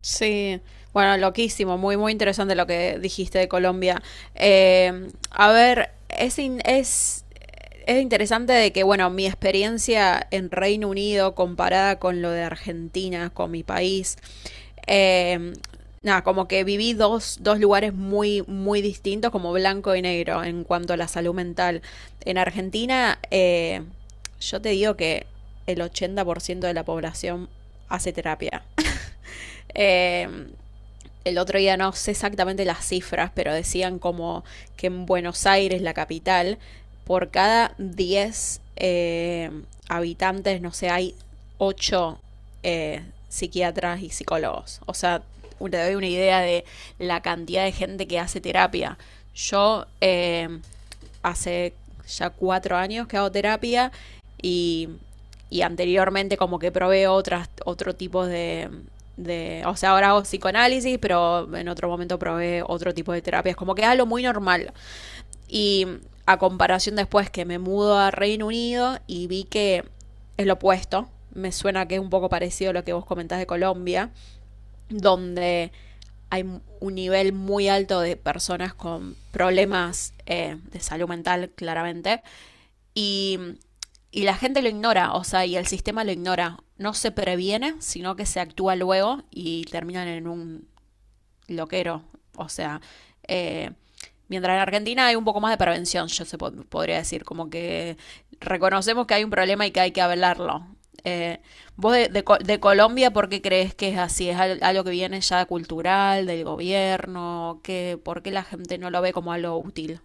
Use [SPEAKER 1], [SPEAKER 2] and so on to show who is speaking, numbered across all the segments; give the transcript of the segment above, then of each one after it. [SPEAKER 1] Sí, bueno, loquísimo, muy, muy interesante lo que dijiste de Colombia. A ver, es interesante de que, bueno, mi experiencia en Reino Unido comparada con lo de Argentina, con mi país, eh, nada, como que viví dos lugares muy, muy distintos, como blanco y negro, en cuanto a la salud mental. En Argentina, yo te digo que el 80% de la población hace terapia. Eh, el otro día no sé exactamente las cifras, pero decían como que en Buenos Aires, la capital, por cada 10 habitantes, no sé, hay 8 psiquiatras y psicólogos. O sea, te doy una idea de la cantidad de gente que hace terapia. Yo Hace ya 4 años que hago terapia y y anteriormente como que probé otro tipo de, o sea, ahora hago psicoanálisis, pero en otro momento probé otro tipo de terapias, como que es algo muy normal. Y a comparación después que me mudo a Reino Unido y vi que es lo opuesto, me suena que es un poco parecido a lo que vos comentás de Colombia, donde hay un nivel muy alto de personas con problemas de salud mental, claramente, y, y la gente lo ignora, o sea, y el sistema lo ignora. No se previene, sino que se actúa luego y terminan en un loquero. O sea, eh, mientras en Argentina hay un poco más de prevención, yo podría decir, como que reconocemos que hay un problema y que hay que hablarlo. Eh, Vos de Colombia, ¿por qué crees que es así? ¿Es algo que viene ya cultural, del gobierno? ¿Por qué la gente no lo ve como algo útil?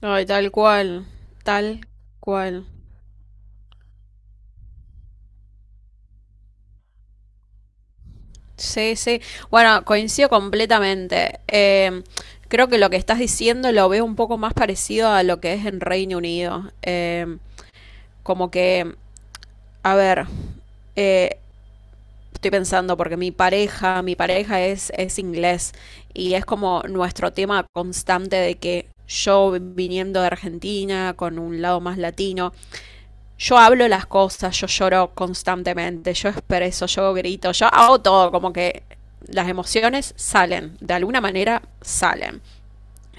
[SPEAKER 1] Ay, tal cual, tal cual. Sí, sí. Bueno, coincido completamente. Creo que lo que estás diciendo lo veo un poco más parecido a lo que es en Reino Unido. Como que, a ver, eh, estoy pensando porque mi pareja es inglés y es como nuestro tema constante de que yo viniendo de Argentina con un lado más latino, yo hablo las cosas, yo lloro constantemente, yo expreso, yo grito, yo hago todo, como que las emociones salen, de alguna manera salen.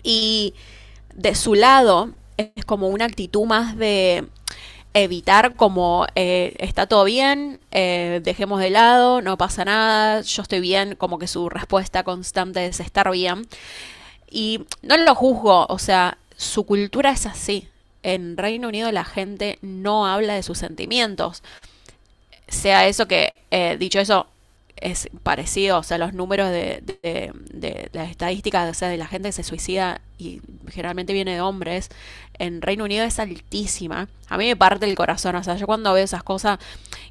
[SPEAKER 1] Y de su lado es como una actitud más de evitar como está todo bien, dejemos de lado, no pasa nada, yo estoy bien, como que su respuesta constante es estar bien. Y no lo juzgo, o sea, su cultura es así. En Reino Unido la gente no habla de sus sentimientos sea eso que, dicho eso, es parecido, o sea, los números de las estadísticas, o sea, de la gente que se suicida y generalmente viene de hombres, en Reino Unido es altísima. A mí me parte el corazón, o sea, yo cuando veo esas cosas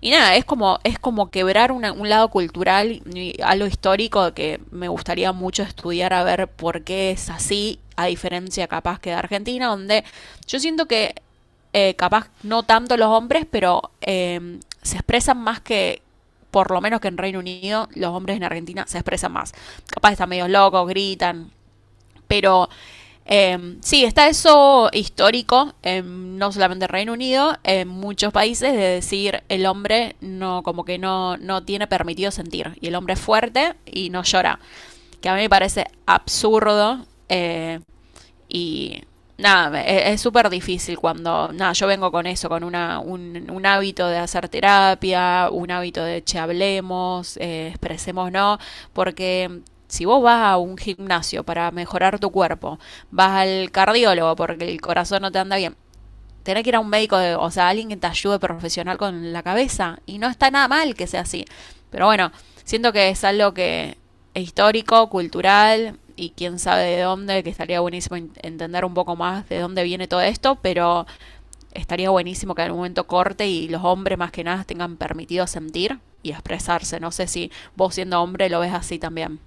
[SPEAKER 1] y nada, es como quebrar un lado cultural y algo histórico que me gustaría mucho estudiar a ver por qué es así, a diferencia capaz que de Argentina, donde yo siento que capaz no tanto los hombres, pero se expresan más que, por lo menos que en Reino Unido, los hombres en Argentina se expresan más. Capaz están medio locos, gritan, pero sí, está eso histórico, no solamente en Reino Unido, en muchos países, de decir el hombre no, como que no tiene permitido sentir. Y el hombre es fuerte y no llora. Que a mí me parece absurdo. Y nada, es súper difícil cuando, nada, yo vengo con eso, con un hábito de hacer terapia, un hábito de che, hablemos, expresemos, ¿no? Porque si vos vas a un gimnasio para mejorar tu cuerpo, vas al cardiólogo porque el corazón no te anda bien, tener que ir a un médico, o sea, alguien que te ayude profesional con la cabeza. Y no está nada mal que sea así. Pero bueno, siento que es algo que es histórico, cultural y quién sabe de dónde, que estaría buenísimo entender un poco más de dónde viene todo esto, pero estaría buenísimo que en algún momento corte y los hombres más que nada tengan permitido sentir y expresarse. No sé si vos siendo hombre lo ves así también.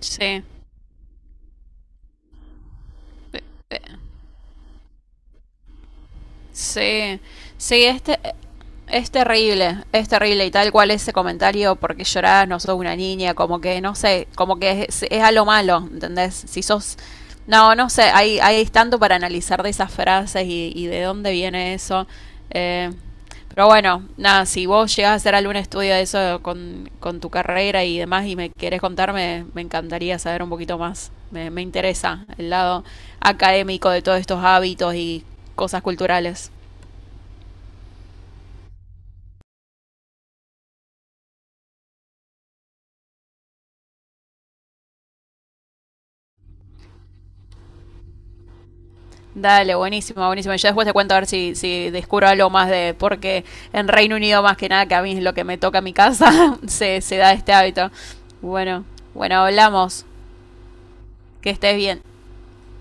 [SPEAKER 1] Sí, sí, sí, este es terrible y tal cual ese comentario, porque llorás, no sos una niña, como que, no sé, como que es a lo malo, ¿entendés? Si sos... No, no sé, hay tanto para analizar de esas frases y de dónde viene eso. Eh, pero bueno, nada, si vos llegás a hacer algún estudio de eso con tu carrera y demás y me querés contarme, me encantaría saber un poquito más. Me interesa el lado académico de todos estos hábitos y cosas culturales. Dale, buenísimo, buenísimo. Ya después te cuento a ver si, si descubro algo más de, porque en Reino Unido más que nada, que a mí es lo que me toca en mi casa, se da este hábito. Bueno, bueno, hablamos. Que estés bien.